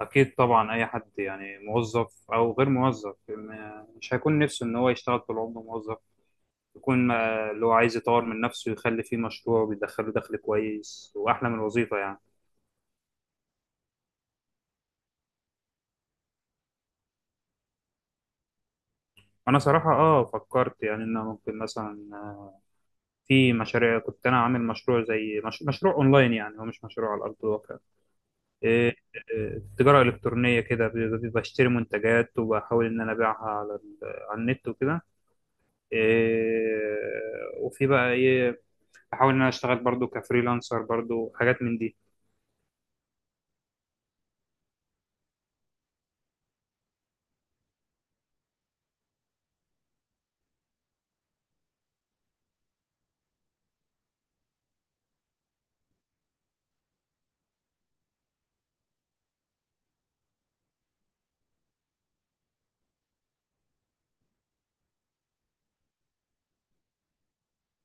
أكيد طبعا، أي حد يعني موظف أو غير موظف مش هيكون نفسه إن هو يشتغل طول عمره موظف. يكون اللي هو عايز يطور من نفسه، يخلي فيه مشروع بيدخله دخل كويس وأحلى من الوظيفة يعني. أنا صراحة فكرت يعني إن أنا ممكن مثلا في مشاريع كنت أنا عامل مشروع زي مش... مشروع أونلاين، يعني هو مش مشروع على أرض الواقع. إيه، إيه، تجارة إلكترونية كده، بشتري منتجات وبحاول إن أنا أبيعها على النت وكده. إيه، وفي بقى ايه، بحاول ان انا اشتغل برضو كفريلانسر، برضو حاجات من دي.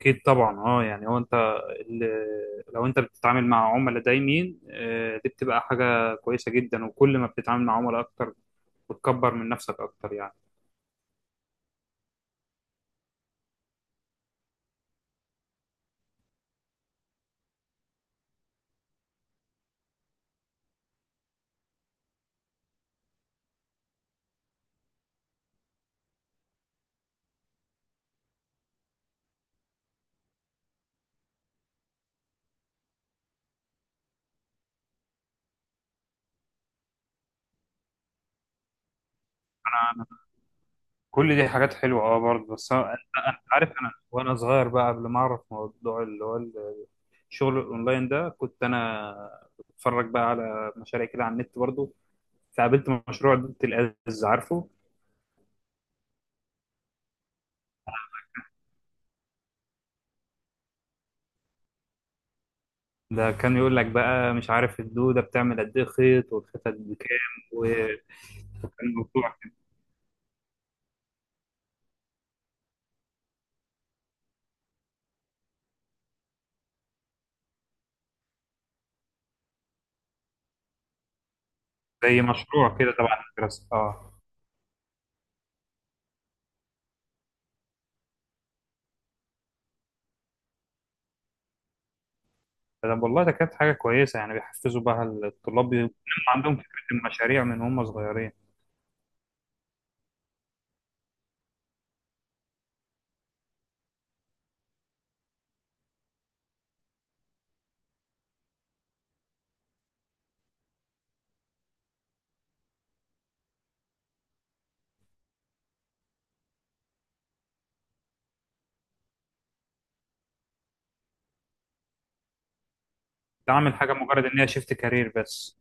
اكيد طبعا، يعني هو انت، لو انت بتتعامل مع عملاء دايمين، دي بتبقى حاجة كويسة جدا، وكل ما بتتعامل مع عملاء اكتر بتكبر من نفسك اكتر يعني. كل دي حاجات حلوة، برضه، بس انت عارف، انا وانا صغير بقى، قبل ما اعرف موضوع اللي هو الشغل الاونلاين ده، كنت انا بتفرج بقى على مشاريع كده على النت برضه، فقابلت مشروع دودة الأز، عارفه؟ ده كان يقول لك بقى، مش عارف الدودة بتعمل قد ايه خيط والخيط قد كام، و- وكان الموضوع زي مشروع كده تبع المدرسة، اه. والله ده كانت حاجة كويسة، يعني بيحفزوا بقى الطلاب يبقوا عندهم فكرة المشاريع من هم صغيرين. تعمل حاجه مجرد ان هي شيفت كارير بس.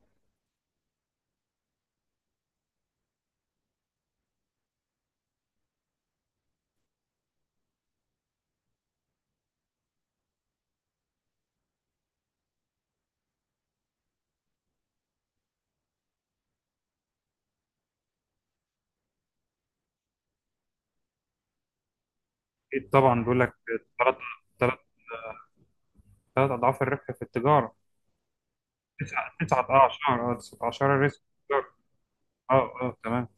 اكيد طبعا، بيقول لك ثلاث ثلاث ثلاث اضعاف الربح في التجاره. تسعه اعشار الريسك في التجاره. اه، اه، تمام.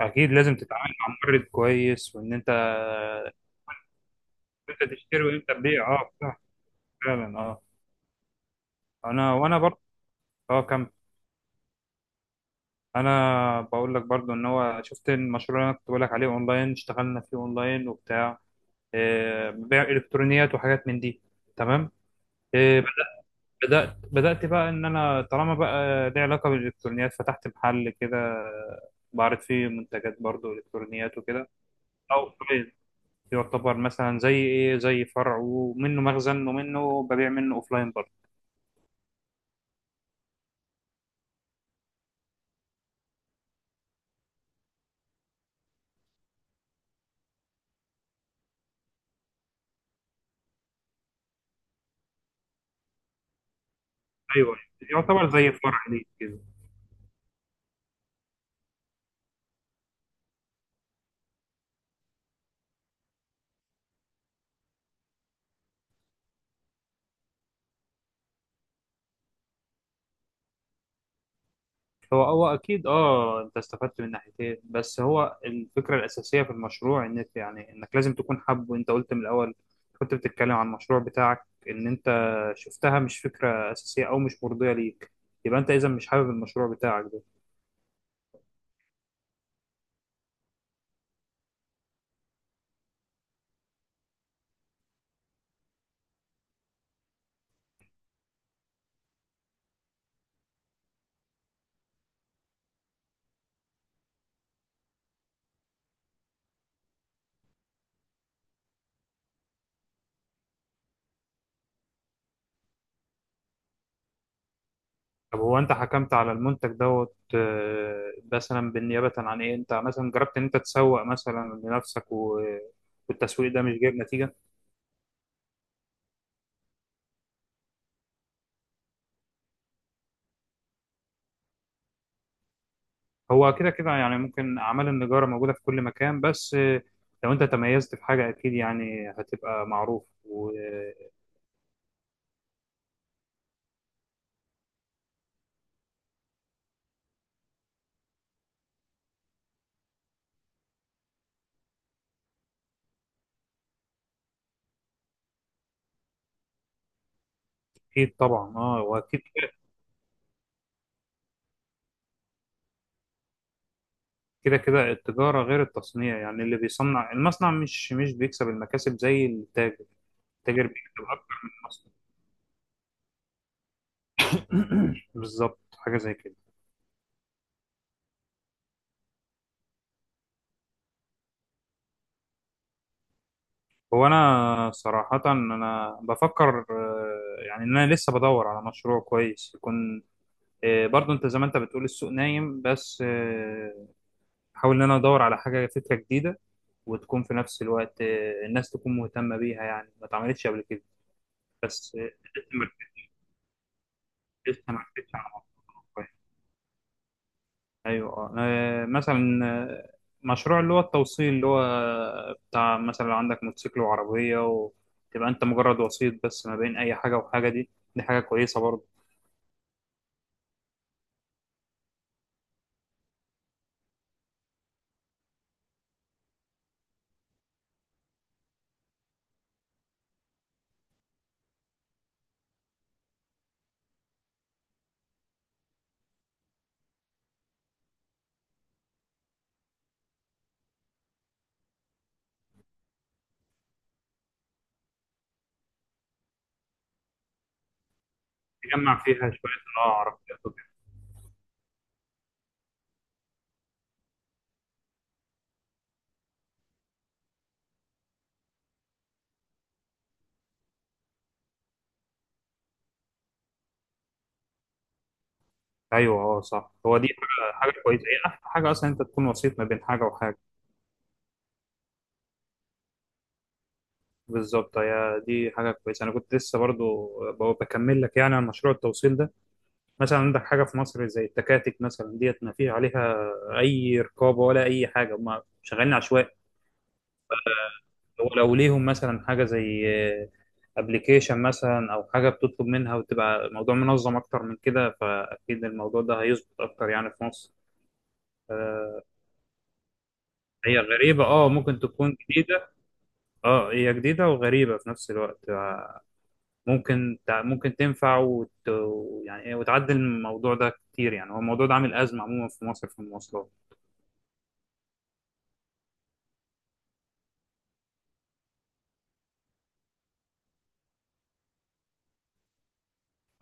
اكيد، لازم تتعامل مع مورد كويس، وان انت تشتري وامتى تبيع. اه، صح، فعلا، اه. انا وانا برضه، اه كم انا بقول لك برضه ان هو شفت المشروع اللي انا كنت بقول لك عليه اونلاين، اشتغلنا فيه اونلاين وبتاع، بيع الكترونيات وحاجات من دي. تمام. آه، بدأت بقى، إن أنا طالما بقى ليه علاقة بالإلكترونيات، فتحت محل كده بعرض فيه منتجات برضو إلكترونيات وكده. أو أوفلاين، يعتبر مثلا زي إيه، زي فرع ومنه مخزن، ومنه ببيع منه أوفلاين برضه. أيوه، يعتبر زي فرع ليه كده. هو اكيد، انت استفدت من ناحيتين، بس هو الفكره الاساسيه في المشروع، يعني انك لازم تكون حابه، انت قلت من الاول، كنت بتتكلم عن المشروع بتاعك، ان انت شفتها مش فكره اساسيه او مش مرضيه ليك، يبقى انت اذا مش حابب المشروع بتاعك ده. طب هو انت حكمت على المنتج دوت، مثلا بالنيابه عن ايه، انت مثلا جربت ان انت تسوق مثلا لنفسك، والتسويق ده مش جايب نتيجه؟ هو كده كده، يعني ممكن أعمال النجارة موجودة في كل مكان، بس لو أنت تميزت في حاجة أكيد يعني هتبقى معروف، وأكيد طبعا، وأكيد. كده كده، التجارة غير التصنيع، يعني اللي بيصنع المصنع مش بيكسب المكاسب زي التاجر. التاجر بيكسب أكتر من المصنع. بالظبط، حاجة زي كده. هو أنا صراحة، أنا بفكر، يعني إن أنا لسه بدور على مشروع كويس يكون، برضو انت زي ما انت بتقول السوق نايم، بس بحاول ان انا ادور على حاجه، فكره جديده، وتكون في نفس الوقت، الناس تكون مهتمه بيها، يعني ما اتعملتش قبل كده. بس، لسه ما لسه ما ركزتش على موضوع. ايوه. مثلا، مشروع اللي هو التوصيل، اللي هو بتاع مثلا، لو عندك موتوسيكل وعربيه، وتبقى انت مجرد وسيط بس ما بين اي حاجه وحاجه، دي. دي حاجه كويسه برضه، تجمع فيها شويه، اه، عربيات. ايوه، اه، صح، هو دي حاجه كويسه، هي احلى حاجه اصلا انت تكون وسيط ما بين حاجه وحاجه. بالظبط، هي دي حاجه كويسه. انا كنت لسه برضو بكمل لك، يعني عن مشروع التوصيل ده. مثلا عندك حاجه في مصر زي التكاتك مثلا، ديت ما فيش عليها اي رقابه ولا اي حاجه، هم شغالين عشوائي. هو لو ليهم مثلا حاجه زي ابلكيشن مثلا، او حاجه بتطلب منها، وتبقى الموضوع منظم اكتر من كده، فاكيد الموضوع ده هيظبط اكتر يعني في مصر. آه، هي غريبه، ممكن تكون جديده. اه، هي جديدة وغريبة في نفس الوقت، ممكن تنفع يعني إيه، وتعدل الموضوع ده كتير، يعني هو الموضوع ده عامل أزمة عموما في مصر في المواصلات.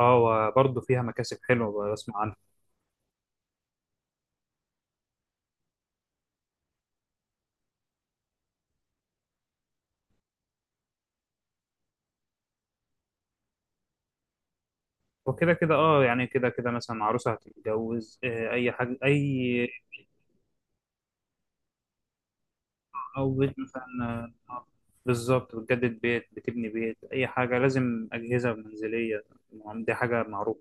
اه، وبرضه فيها مكاسب حلوة بسمع عنها. وكده كده، يعني كده كده، مثلا عروسة هتتجوز، أي حاجة، أو بيت مثلا، آه، آه، بالظبط، بتجدد بيت، بتبني بيت، أي حاجة لازم أجهزة منزلية. دي حاجة معروفة.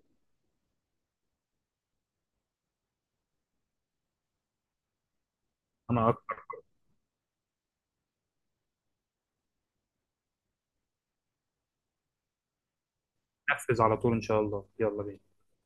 أنا أكتر. أنفذ على طول إن شاء الله، يلا بينا.